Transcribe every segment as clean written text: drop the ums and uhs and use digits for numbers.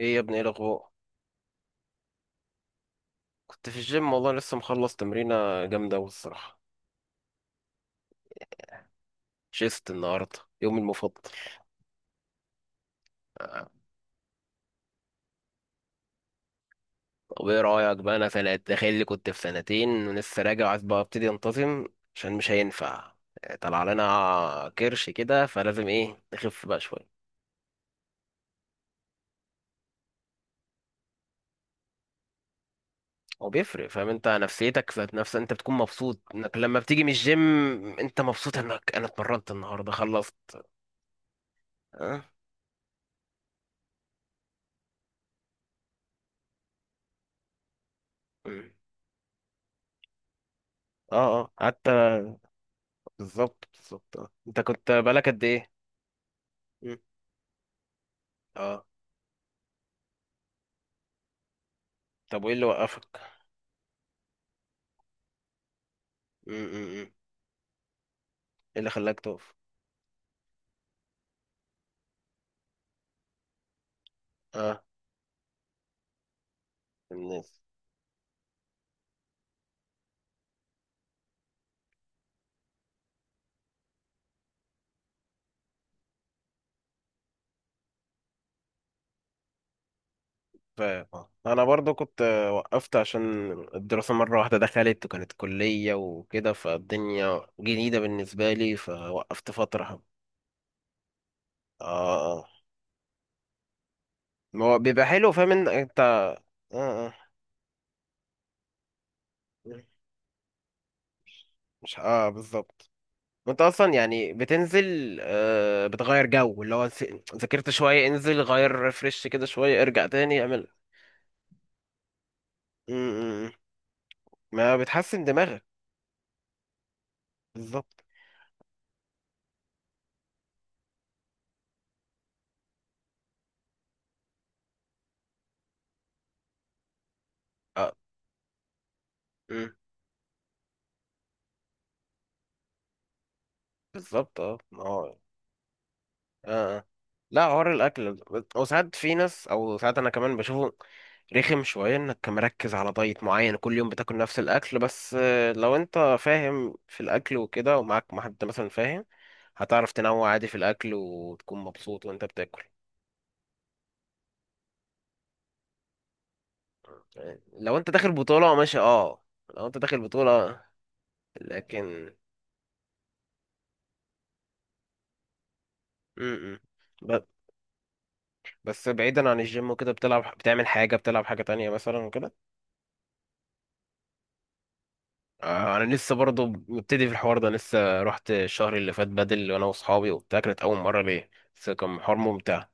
ايه يا ابني؟ ايه الاخبار؟ كنت في الجيم والله، لسه مخلص تمرينه جامده أوي الصراحه. شيست النهارده، يومي المفضل. آه، طب ايه رايك بقى؟ انا في تخيل اللي كنت في سنتين ولسه راجع، عايز بقى ابتدي انتظم عشان مش هينفع. طلع لنا كرش كده، فلازم ايه نخف بقى شويه. هو بيفرق، فاهم؟ انت نفسيتك ذات نفسها، انت بتكون مبسوط انك لما بتيجي من الجيم. انت مبسوط انك انا اتمرنت النهارده خلصت. اه. اه. اه حتى. بالظبط بالظبط. آه. انت كنت بقالك قد ايه؟ مم. اه. طب وايه اللي وقفك؟ م- م- م. ايه اللي خلاك تقف؟ اه الناس. فاهم. آه. انا برضو كنت وقفت عشان الدراسة، مرة واحدة دخلت وكانت كلية وكده، فالدنيا جديدة بالنسبة لي فوقفت فترة حب. اه. اه، ما هو بيبقى حلو. فاهم ان انت اه. اه مش اه، بالظبط. وانت اصلا يعني بتنزل، آه، بتغير جو، اللي هو ذاكرت شوية انزل غير، ريفرش كده شوية، ارجع تاني اعمل. م- م- م. ما بتحسن دماغك. بالظبط. مم. بالظبط. اه ما هو اه. آه. لا، حوار الاكل. وساعات في ناس، او ساعات انا كمان بشوفه رخم شويه، انك مركز على دايت معين كل يوم بتاكل نفس الاكل. بس لو انت فاهم في الاكل وكده، ومعاك مع حد مثلا، فاهم هتعرف تنوع عادي في الاكل وتكون مبسوط وانت بتاكل. يعني لو انت داخل بطوله ماشي اه. لو انت داخل بطوله، لكن م -م. ب- بس بعيدا عن الجيم وكده، بتلعب، بتعمل حاجه، بتلعب حاجه تانية مثلا وكده. انا لسه برضه مبتدي في الحوار ده، لسه رحت الشهر اللي فات بدل وانا واصحابي وبتاع، كانت اول مره ليه. بس كان حوار ممتع.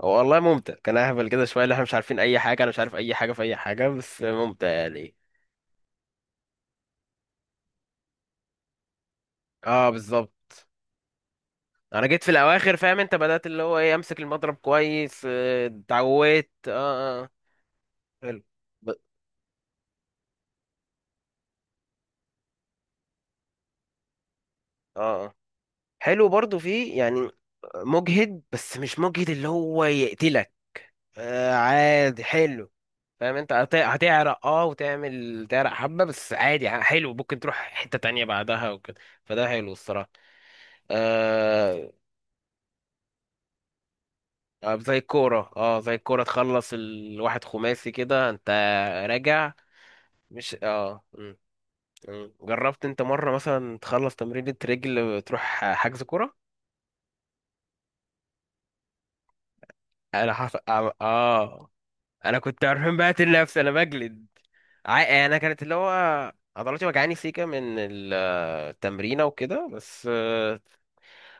هو والله ممتع، كان اهبل كده شويه اللي احنا مش عارفين اي حاجه، انا مش عارف اي حاجه في اي حاجه، بس ممتع يعني. اه بالظبط. انا جيت في الاواخر، فاهم انت، بدات اللي هو ايه، امسك المضرب كويس اتعودت اه. اه حلو. ب- اه. آه. حلو برضه فيه يعني. مجهد بس مش مجهد اللي هو يقتلك. آه، عادي حلو. فاهم انت هتعرق اه وتعمل تعرق حبة بس، عادي، حلو ممكن تروح حتة تانية بعدها وكده. فده حلو الصراحة. آه. آه، زي الكورة، اه زي الكورة تخلص الواحد خماسي كده، انت راجع، مش اه، مم، مم. جربت انت مرة مثلا تخلص تمرينة رجل تروح حجز كورة؟ انا اه. آه. انا كنت عارفين بقتل نفسي، انا بجلد. انا كانت اللي هو عضلاتي وجعاني سيكا من التمرينة وكده. بس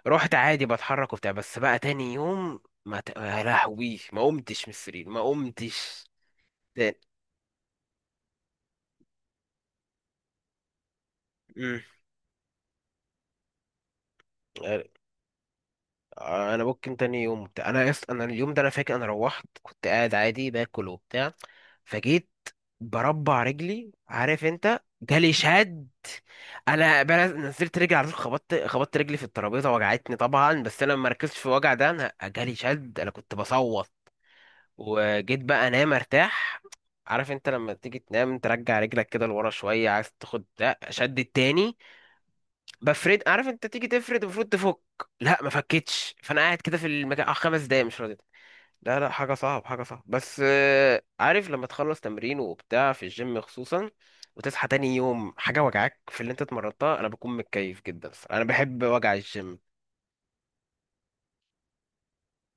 رحت عادي بتحرك وبتاع، بس بقى تاني يوم ما يا لهوي، ما قمتش من السرير، ما قمتش تاني. مم. انا ممكن تاني يوم وبتاع، انا انا اليوم ده، انا فاكر انا روحت كنت قاعد عادي باكل وبتاع، فجيت بربع رجلي، عارف انت، جالي شد. انا نزلت رجلي على طول، خبطت خبطت رجلي في الترابيزه، وجعتني طبعا، بس انا ما ركزتش في الوجع ده، انا جالي شد، انا كنت بصوت. وجيت بقى انام ارتاح، عارف انت لما تيجي تنام ترجع رجلك كده لورا شويه، عايز تاخد ده، شد التاني. بفرد، عارف انت تيجي تفرد المفروض تفك، لا، ما فكتش. فانا قاعد كده في المكان اه خمس دقايق مش راضي. لا، لا حاجه صعب، حاجه صعب. بس عارف لما تخلص تمرين وبتاع في الجيم خصوصا، وتصحى تاني يوم حاجه وجعاك في اللي انت اتمرنتها، انا بكون متكيف جدا الصراحة. انا بحب وجع الجيم.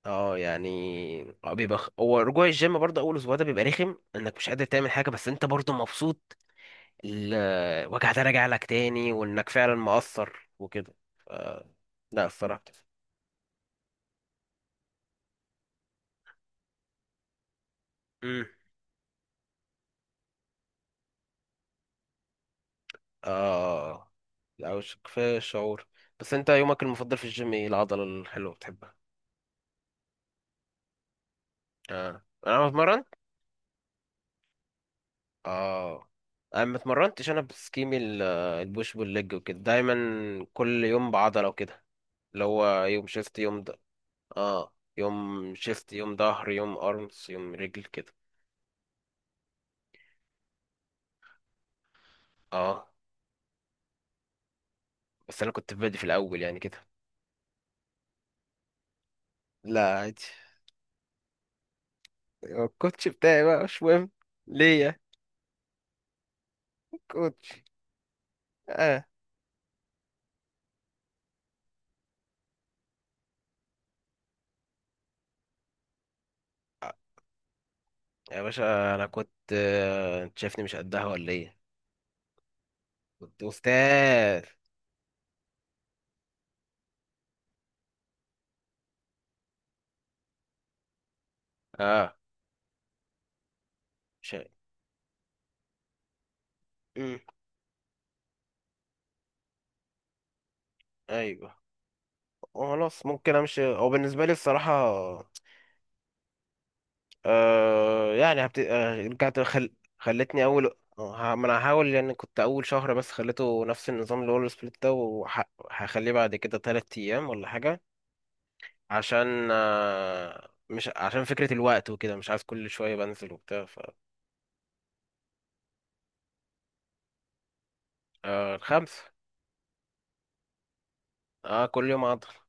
اه، يعني اه بيبقى هو رجوع الجيم برضه اول اسبوع ده بيبقى رخم انك مش قادر تعمل حاجه، بس انت برضه مبسوط الوجع ده راجع لك تاني وانك فعلا مقصر وكده. ف... لا الصراحه. امم. اه. لا، وش كفايه شعور. بس انت يومك المفضل في الجيم ايه العضله الحلوه بتحبها؟ اه انا بتمرن. اه انا ما اتمرنتش، انا بسكيم البوش والليج وكده دايما، كل يوم بعضله وكده. اللي هو يوم شيست يوم. اه، يوم شيفت يوم ظهر يوم ارمز يوم رجل كده. اه بس انا كنت بادي في الاول يعني كده. لا عادي. هو الكوتش بتاعي بقى مش مهم. ليا كوتش اه. يا باشا انا كنت انت شايفني مش قدها ولا ايه؟ كنت استاذ. اه مش. امم. ايوه. خلاص ممكن امشي هو بالنسبه لي الصراحه. آه يعني آه رجعت خلتني اول. ما انا هحاول يعني، كنت اول شهر بس خليته نفس النظام اللي هو السبليت ده، وهخليه بعد كده تلات ايام ولا حاجه. عشان آه، مش عشان فكره الوقت وكده، مش عايز كل شويه بنزل وبتاع ف. آه الخمس. اه كل يوم اقدر.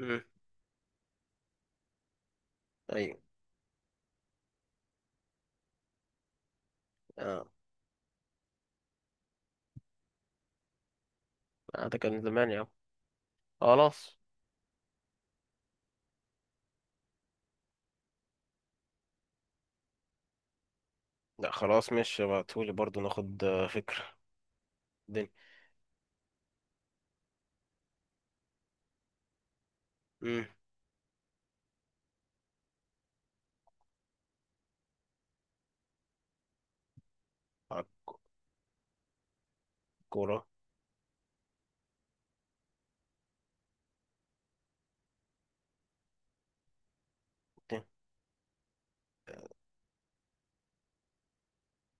امم. ايوه. اه. آه، ده كان زمان يا عم. خلاص. لا خلاص ماشي، ابعتهولي برضو ناخد فكره الدنيا. امم. على الكوره.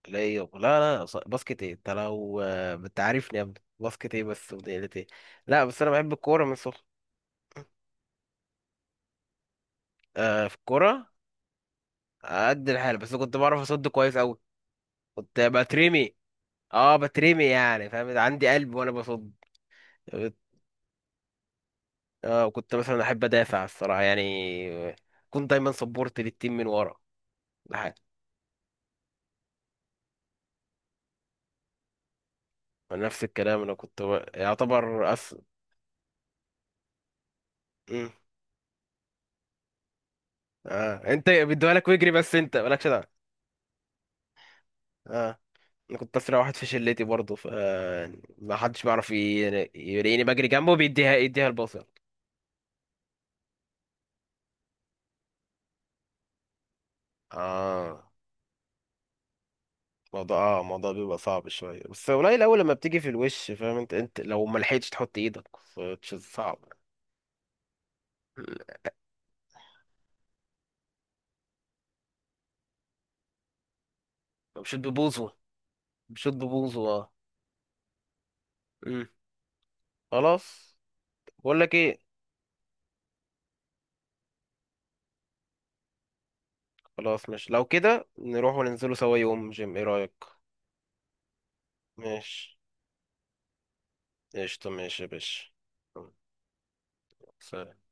بلاي أوف. لا لا، باسكت ايه انت، لو انت عارفني يا ابني، باسكت ايه بس وديلة ايه. لا بس انا بحب الكوره من صغري. آه في الكوره قد الحال، بس كنت بعرف اصد كويس قوي. كنت بترمي. اه بترمي يعني، فاهم عندي قلب وانا بصد. اه كنت مثلا احب ادافع الصراحه يعني. كنت دايما سبورت للتيم من ورا. ده حاجه. نفس الكلام، انا كنت يعتبر مم. اه انت بيدوها لك ويجري بس، انت مالكش دعوه. آه. انا كنت اسرع واحد في شلتي برضه ف. ما حدش بيعرف يلاقيني بجري جنبه بيديها، يديها الباص. اه الموضوع اه الموضوع بيبقى صعب شويه بس قليل الاول لما بتيجي في الوش، فاهم انت، انت لو ما لحقتش تحط ايدك صعب. بشوط ببوظه. بشوط ببوظه اه. مم. خلاص. بقول لك ايه، خلاص مش لو كده نروح وننزلوا سوا يوم جيم، ايه رايك؟ ماشي قشطه ماشي يا باشا. سلام.